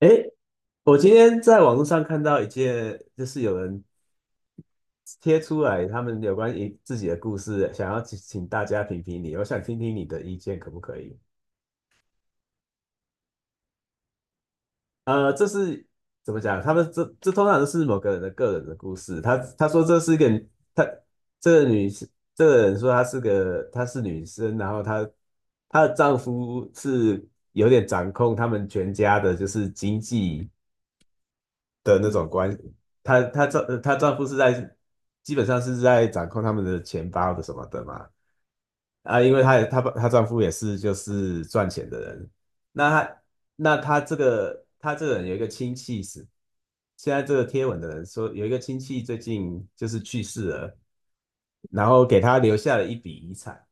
诶，我今天在网络上看到一件，就是有人贴出来他们有关于自己的故事，想要请大家评评理，我想听听你的意见，可不可以？这是怎么讲？他们这通常都是某个人的个人的故事。他说这是一个他这个女士这个人说她是女生，然后她的丈夫是有点掌控他们全家的，就是经济。的那种关，她丈夫是在基本上是在掌控他们的钱包的什么的嘛。啊，因为她丈夫也是就是赚钱的人，那她那她这个她这个人有一个亲戚是现在这个贴文的人说有一个亲戚最近就是去世了，然后给她留下了一笔遗产。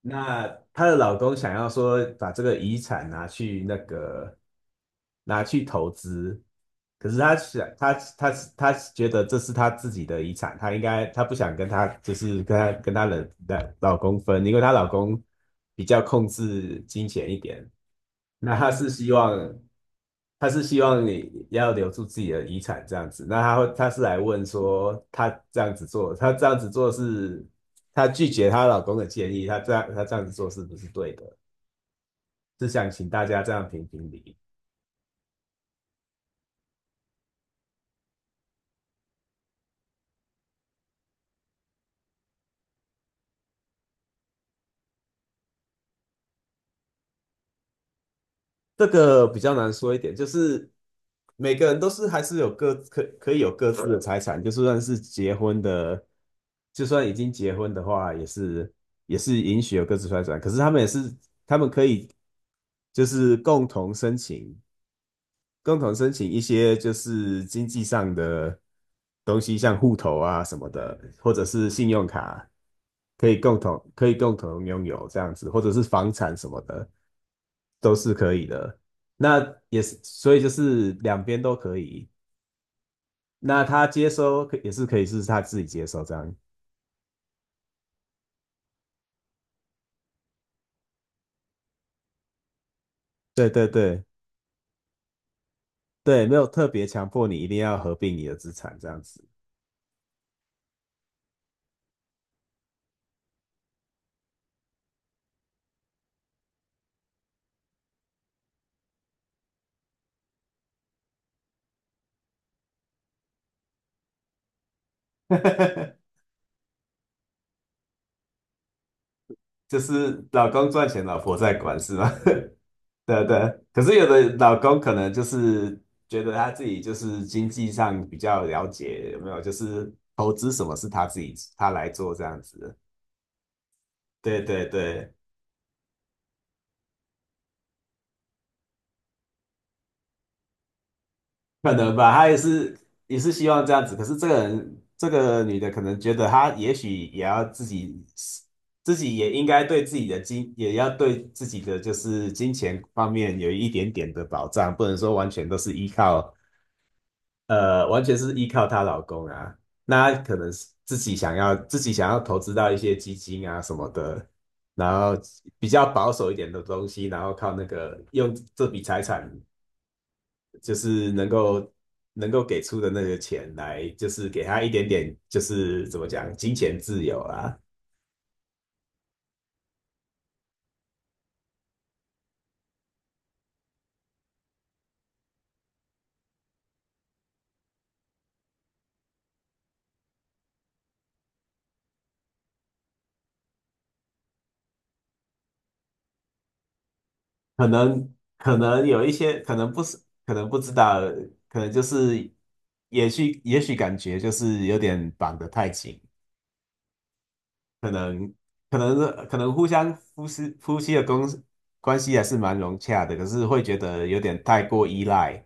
那她的老公想要说把这个遗产拿去投资，可是她她觉得这是她自己的遗产，她应该她不想跟她就是跟她跟她的老公分，因为她老公比较控制金钱一点。那他是希望，他是希望你要留住自己的遗产这样子。那他会，他是来问说，他这样子做是，他拒绝她老公的建议，他这样子做是不是对的？是想请大家这样评评理。这个比较难说一点，就是每个人都是还是有可以有各自的财产，就算是结婚的，就算已经结婚的话，也是允许有各自财产。可是他们也是。就是共同申请，一些就是经济上的东西，像户头啊什么的，或者是信用卡，可以共同拥有这样子，或者是房产什么的，都是可以的。那也是，所以就是两边都可以。那他接收可也是可以是他自己接收这样。对对对对，没有特别强迫你一定要合并你的资产这样子。就是老公赚钱，老婆在管，是吗？对对。可是有的老公可能就是觉得他自己就是经济上比较了解，有没有？就是投资什么是他自己他来做这样子。对对对，可能吧，他也是希望这样子。可是这个人这个女的可能觉得她也许也要自己也应该对自己的金，也要对自己的就是金钱方面有一点点的保障，不能说完全都是依靠完全是依靠她老公啊。那她可能是自己想要投资到一些基金啊什么的，然后比较保守一点的东西，然后靠那个用这笔财产，就是能够给出的那个钱来，就是给她一点点，就是怎么讲，金钱自由啊。可能有一些，可能不是，可能不知道，可能就是也许感觉就是有点绑得太紧。可能可能夫妻的关系还是蛮融洽的，可是会觉得有点太过依赖。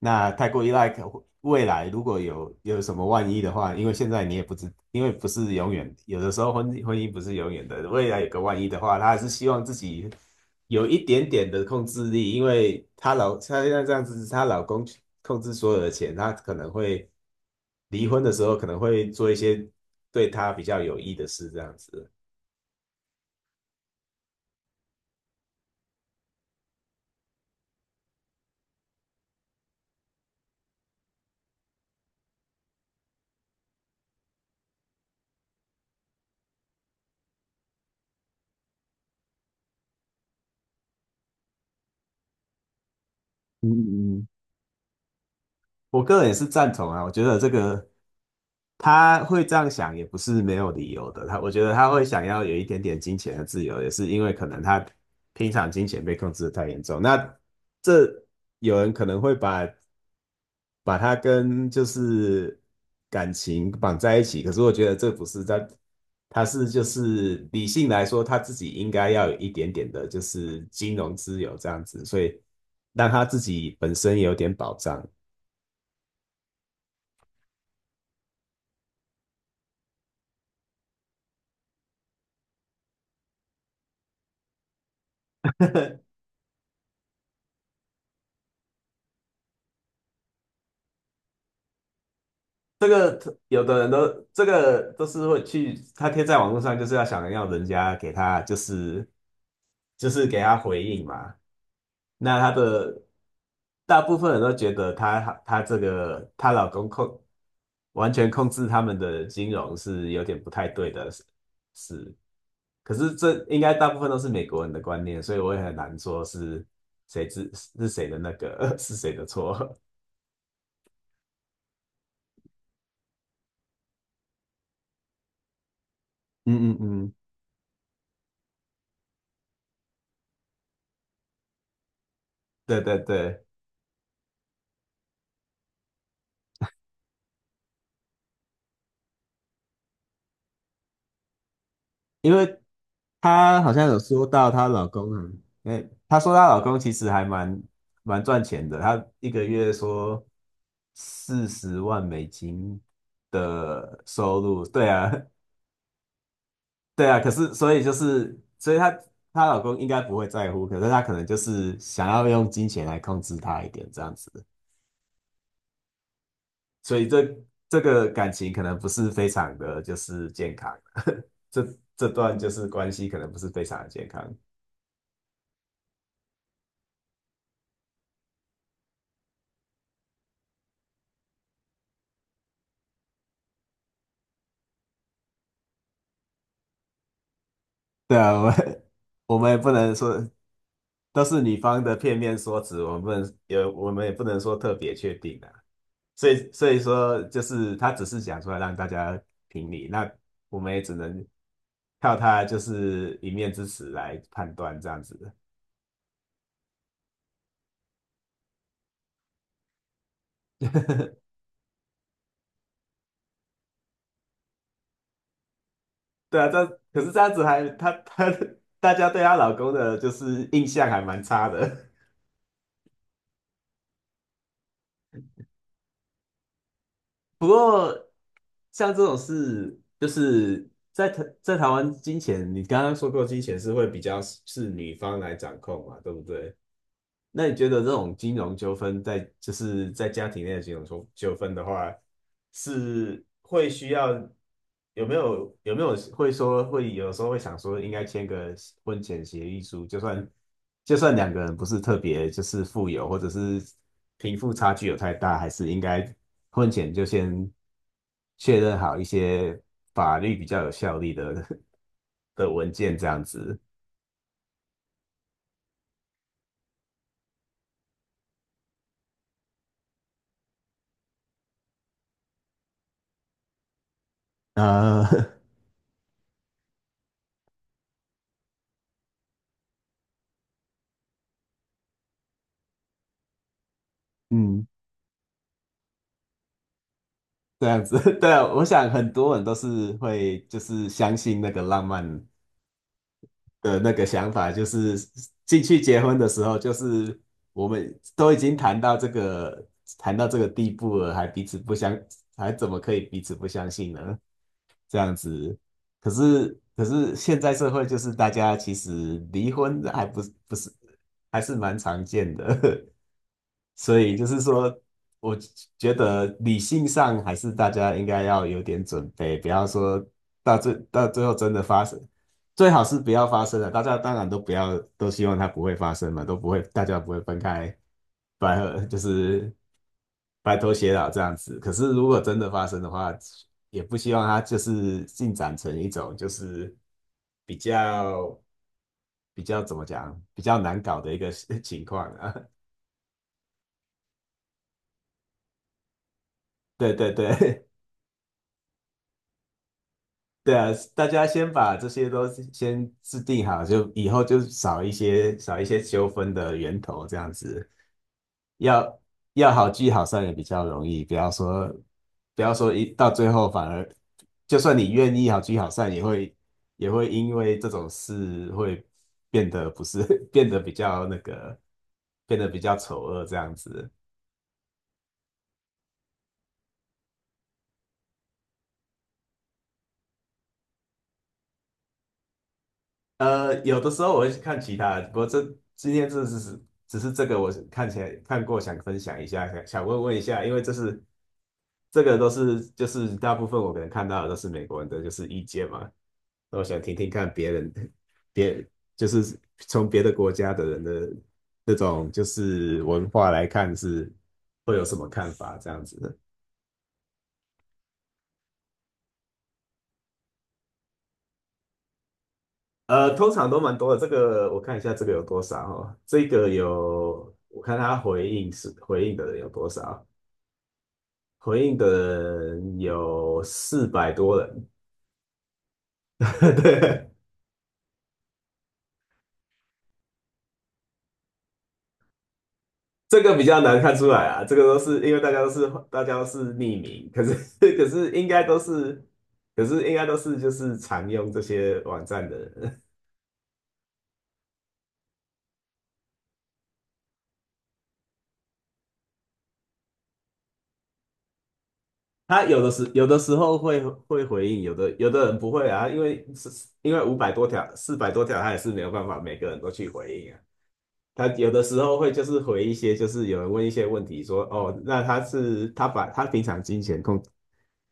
那太过依赖可，未来如果有什么万一的话，因为现在你也不知，因为不是永远，有的时候婚姻不是永远的，未来有个万一的话，她还是希望自己有一点点的控制力，因为她现在这样子，她老公控制所有的钱，她可能会离婚的时候可能会做一些对他比较有益的事，这样子。嗯嗯嗯。我个人也是赞同啊。我觉得这个他会这样想也不是没有理由的。我觉得他会想要有一点点金钱的自由，也是因为可能他平常金钱被控制的太严重。那这有人可能会把它跟就是感情绑在一起，可是我觉得这不是在，他是就是理性来说，他自己应该要有一点点的，就是金融自由这样子，所以让他自己本身有点保障。这个有的人都这个都是会去，他贴在网络上就是要想要人家给他就是给他回应嘛。那他的大部分人都觉得他这个她老公完全控制他们的金融是有点不太对的事是。可是这应该大部分都是美国人的观念，所以我也很难说是谁是是谁的那个 是谁的错。嗯嗯嗯，对对对。因为她好像有说到她老公啊，哎，她说她老公其实蛮赚钱的，他一个月说40万美金的收入。对啊，对啊，可是所以就是，所以她老公应该不会在乎，可是她可能就是想要用金钱来控制她一点这样子，所以这个感情可能不是非常的就是健康，这这段就是关系可能不是非常的健康。对啊，我们也不能说都是女方的片面说辞，我们也不能说特别确定啊。所以说，就是她只是讲出来让大家评理，那我们也只能靠她就是一面之词来判断这样子的。对啊，这可是这样子还他大家对她老公的就是印象还蛮差的。不过像这种事，就是在台湾金钱，你刚刚说过金钱是会比较是女方来掌控嘛，对不对？那你觉得这种金融纠纷就是在家庭内的金融纠纷的话，是会需要？有没有会说会有时候会想说应该签个婚前协议书，就算两个人不是特别就是富有，或者是贫富差距有太大，还是应该婚前就先确认好一些法律比较有效力的 的文件这样子。啊，嗯，这样子，对啊，我想很多人都是会就是相信那个浪漫的那个想法，就是进去结婚的时候，就是我们都已经谈到这个谈到这个地步了，还彼此不相，还怎么可以彼此不相信呢？这样子，可是现在社会就是大家其实离婚还不是不是还是蛮常见的，所以就是说，我觉得理性上还是大家应该要有点准备，不要说到最后真的发生。最好是不要发生了。大家当然都不要，都希望它不会发生嘛，都不会，大家不会分开，白合就是白头偕老这样子。可是如果真的发生的话，也不希望它就是进展成一种就是比较比较怎么讲，比较难搞的一个 情况啊。对对对，对啊，大家先把这些都先制定好，就以后就少一些纠纷的源头，这样子要要好聚好散也比较容易，不要说一到最后反而，就算你愿意好聚好散，也会因为这种事会变得不是 变得比较那个变得比较丑恶这样子。呃，有的时候我会去看其他的，不过今天这只是这个我看起来看过，想分享一下，想问一下，因为这个都是就是大部分我可能看到的都是美国人的就是意见嘛，那我想听听看别人别就是从别的国家的人的那种就是文化来看是会有什么看法这样子的。呃，通常都蛮多的。这个我看一下，这个有多少哦？这个有，我看他回应是回应的人有多少。回应的人有400多人。对，这个比较难看出来啊，这个都是因为大家都是匿名，可是 可是应该都是，可是应该都是就是常用这些网站的人。他有的时有的时候会回应，有的人不会啊，因为因为500多条400多条，他也是没有办法每个人都去回应啊。他有的时候会就是回一些，就是有人问一些问题说，哦，那他把他平常金钱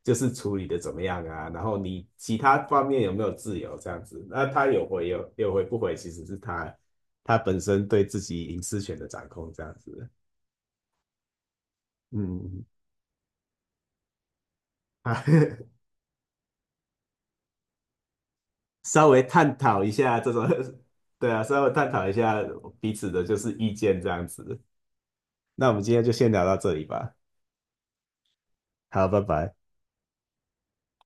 就是处理的怎么样啊，然后你其他方面有没有自由这样子，那他有回不回，其实是他本身对自己隐私权的掌控这样子。嗯，啊，稍微探讨一下这种，对啊，稍微探讨一下彼此的就是意见这样子。那我们今天就先聊到这里吧，好，拜拜。